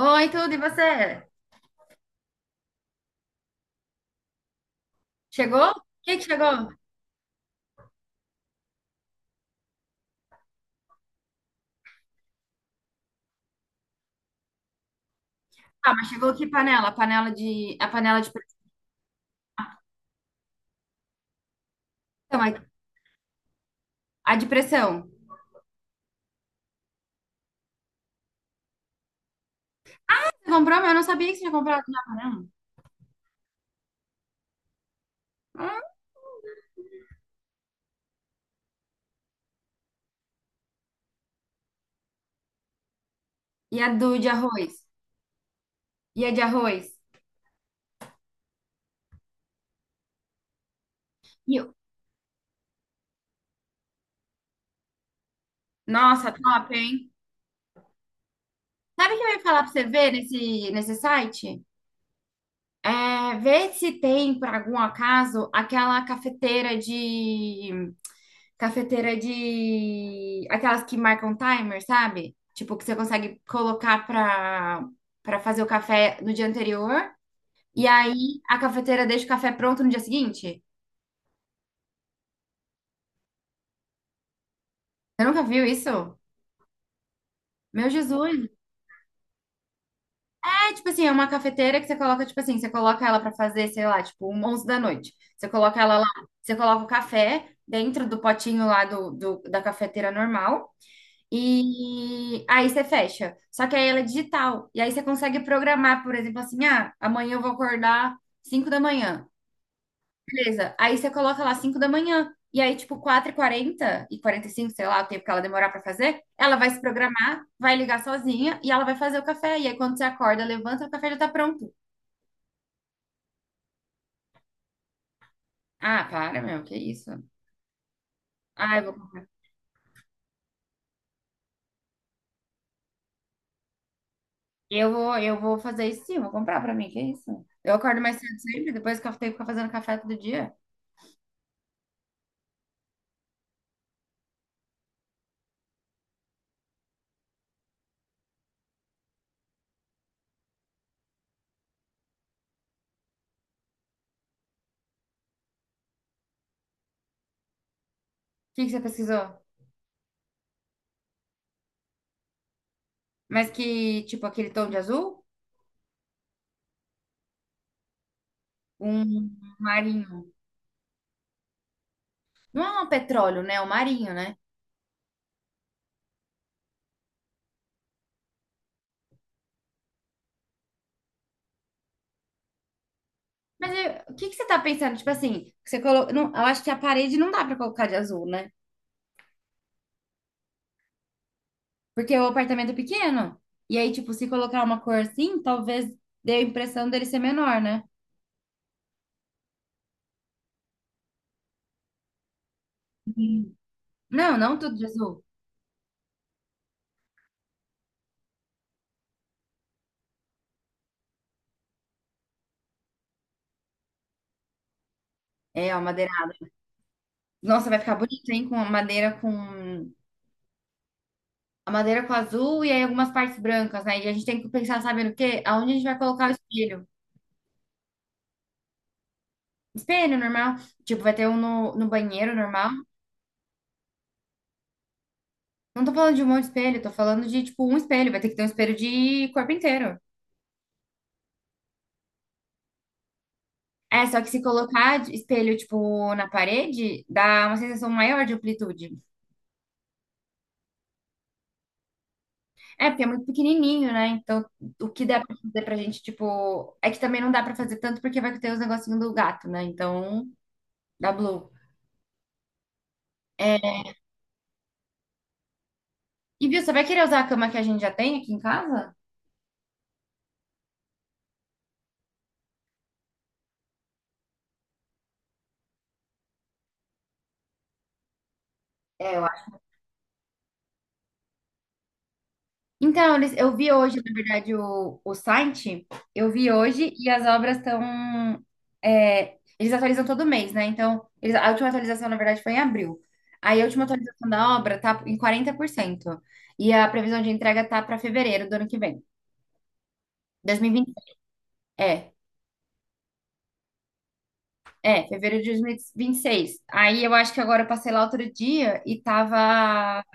Oi, tudo, e você? Chegou? Quem que chegou? Ah, mas chegou que panela? A panela de pressão, a a de pressão. Você comprou, mas eu não sabia que você tinha comprado na panela. Hum? E a do de arroz? E a de arroz? E o- Nossa, top, hein? Sabe o que eu ia falar pra você ver nesse site? É, ver se tem, por algum acaso, aquela cafeteira de Aquelas que marcam timer, sabe? Tipo, que você consegue colocar pra fazer o café no dia anterior. E aí a cafeteira deixa o café pronto no dia seguinte. Você nunca viu isso? Meu Jesus! É tipo assim, é uma cafeteira que você coloca, tipo assim, você coloca ela pra fazer, sei lá, tipo, um 11 da noite. Você coloca ela lá, você coloca o café dentro do potinho lá da cafeteira normal. E aí você fecha. Só que aí ela é digital. E aí você consegue programar, por exemplo, assim, ah, amanhã eu vou acordar 5 da manhã. Beleza. Aí você coloca lá 5 da manhã. E aí, tipo, quatro e quarenta e 45, sei lá, o tempo que ela demorar pra fazer, ela vai se programar, vai ligar sozinha e ela vai fazer o café. E aí, quando você acorda, levanta, o café já tá pronto. Ah, para, meu, que isso? Ah, eu vou fazer isso sim, vou comprar pra mim, que isso? Eu acordo mais cedo sempre, depois que eu tenho que ficar fazendo café todo dia. O que que você pesquisou? Mas que, tipo, aquele tom de azul? Um marinho. Não é um petróleo, né? É um marinho, né? O que que você tá pensando? Tipo assim, Não, eu acho que a parede não dá pra colocar de azul, né? Porque o apartamento é pequeno. E aí, tipo, se colocar uma cor assim, talvez dê a impressão dele ser menor, né? Sim. Não, não tudo de azul. É, ó, madeira. Nossa, vai ficar bonito, hein? Com a madeira com. A madeira com azul e aí algumas partes brancas, né? E a gente tem que pensar, sabe no quê? Aonde a gente vai colocar o espelho. Espelho normal. Tipo, vai ter um no banheiro normal. Não tô falando de um monte de espelho, tô falando de, tipo, um espelho. Vai ter que ter um espelho de corpo inteiro. É, só que se colocar espelho, tipo, na parede, dá uma sensação maior de amplitude. É, porque é muito pequenininho, né? Então, o que dá pra fazer pra gente, tipo... É que também não dá pra fazer tanto porque vai ter os negocinhos do gato, né? Então, dá blue. É, e, viu, você vai querer usar a cama que a gente já tem aqui em casa? É, eu então, eu vi hoje, na verdade, o site, eu vi hoje e as obras estão. É, eles atualizam todo mês, né? Então, a última atualização, na verdade, foi em abril. Aí a última atualização da obra tá em 40%. E a previsão de entrega tá para fevereiro do ano que vem. 2020. É, é, fevereiro de dois mil e vinte e seis. Aí eu acho que agora eu passei lá outro dia e tava.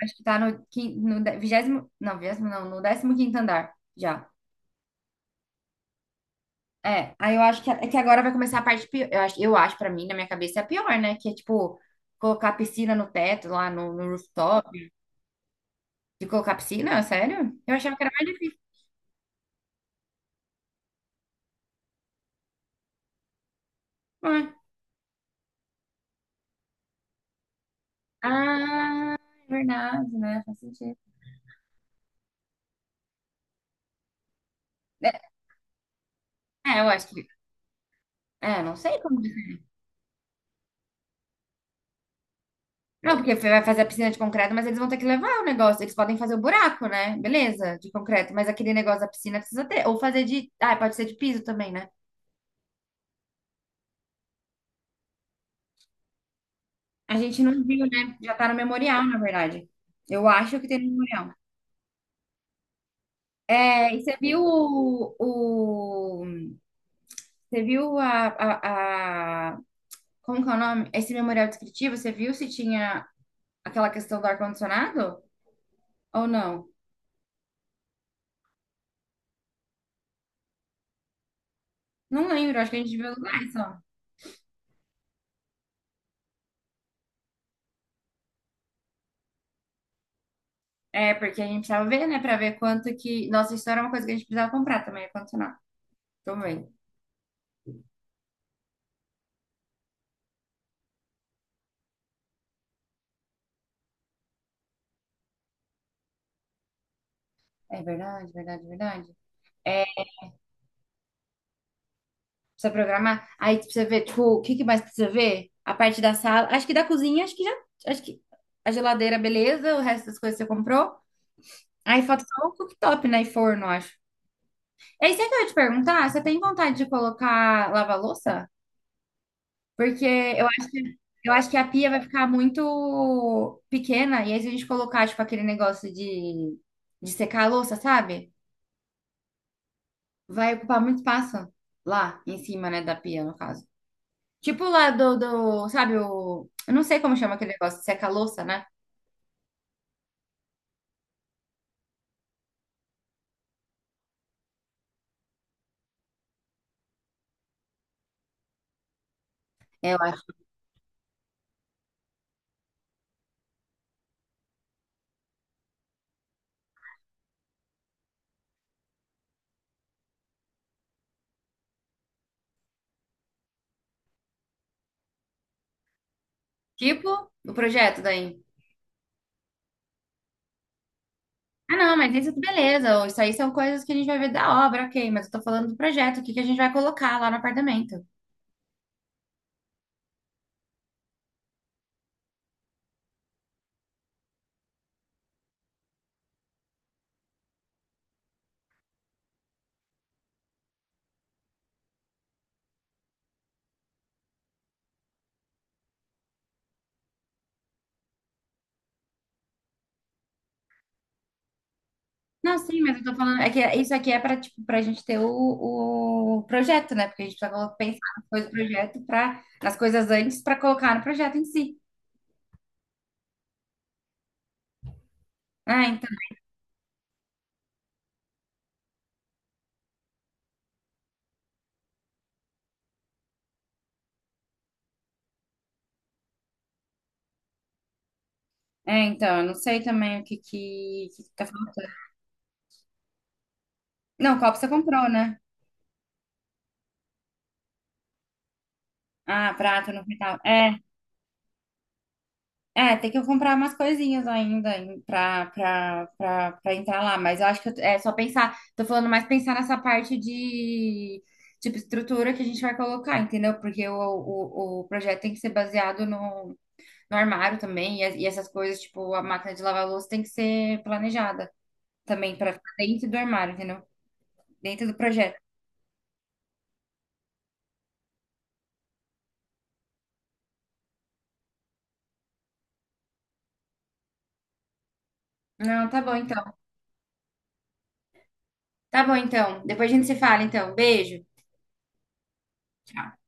Acho que tá no 20º. Não, 20º não, no 15º andar. Já. É, aí eu acho que, é que agora vai começar a parte pior. Eu acho para mim, na minha cabeça, é a pior, né? Que é tipo, colocar piscina no teto, lá no rooftop. De colocar piscina, sério? Eu achava que era mais difícil. Ah, ah, é verdade, né? Faz sentido. É, é, eu acho que. É, não sei como. Não, porque vai fazer a piscina de concreto, mas eles vão ter que levar o negócio. Eles podem fazer o buraco, né? Beleza, de concreto. Mas aquele negócio da piscina precisa ter. Ou fazer de. Ah, pode ser de piso também, né? A gente não viu, né? Já tá no memorial, na verdade. Eu acho que tem no memorial. É, e você viu você viu a, a, a- como que é o nome? Esse memorial descritivo, você viu se tinha aquela questão do ar-condicionado ou não? Não lembro, acho que a gente viu os dois só. É, porque a gente precisava ver, né, pra ver quanto que... Nossa, isso era uma coisa que a gente precisava comprar também, ar-condicionado. Também. É verdade, verdade, verdade. É, precisa programar. Aí precisa ver, tipo, o que que mais precisa ver? A parte da sala, acho que da cozinha, acho que já... Acho que a geladeira, beleza, o resto das coisas você comprou. Aí falta só o cooktop, né? E forno, acho. É isso aí que eu ia te perguntar, você tem vontade de colocar lava-louça? Porque eu acho que a pia vai ficar muito pequena, e aí se a gente colocar, tipo, aquele negócio de secar a louça, sabe? Vai ocupar muito espaço lá em cima, né, da pia, no caso. Tipo lá do, sabe, o... Eu não sei como chama aquele negócio de secar a louça, né? É, eu acho. Tipo o projeto daí. Ah, não, mas isso beleza. Isso aí são coisas que a gente vai ver da obra, ok. Mas eu tô falando do projeto, o que que a gente vai colocar lá no apartamento. Não, sim, mas eu tô falando. É que isso aqui é pra, tipo, pra gente ter o projeto, né? Porque a gente precisa pensar nas coisas do projeto pra, nas coisas antes pra colocar no projeto em si. Ah, então. É, então, eu não sei também o que que tá faltando. Não, copo você comprou, né? Ah, prato no final. É. É, tem que eu comprar umas coisinhas ainda pra entrar lá, mas eu acho que é só pensar, tô falando mais pensar nessa parte de, tipo, estrutura que a gente vai colocar, entendeu? Porque o projeto tem que ser baseado no armário também, e essas coisas, tipo, a máquina de lavar louça tem que ser planejada também, pra ficar dentro do armário, entendeu? Dentro do projeto. Não, tá bom então. Tá bom então. Depois a gente se fala então. Beijo. Tchau.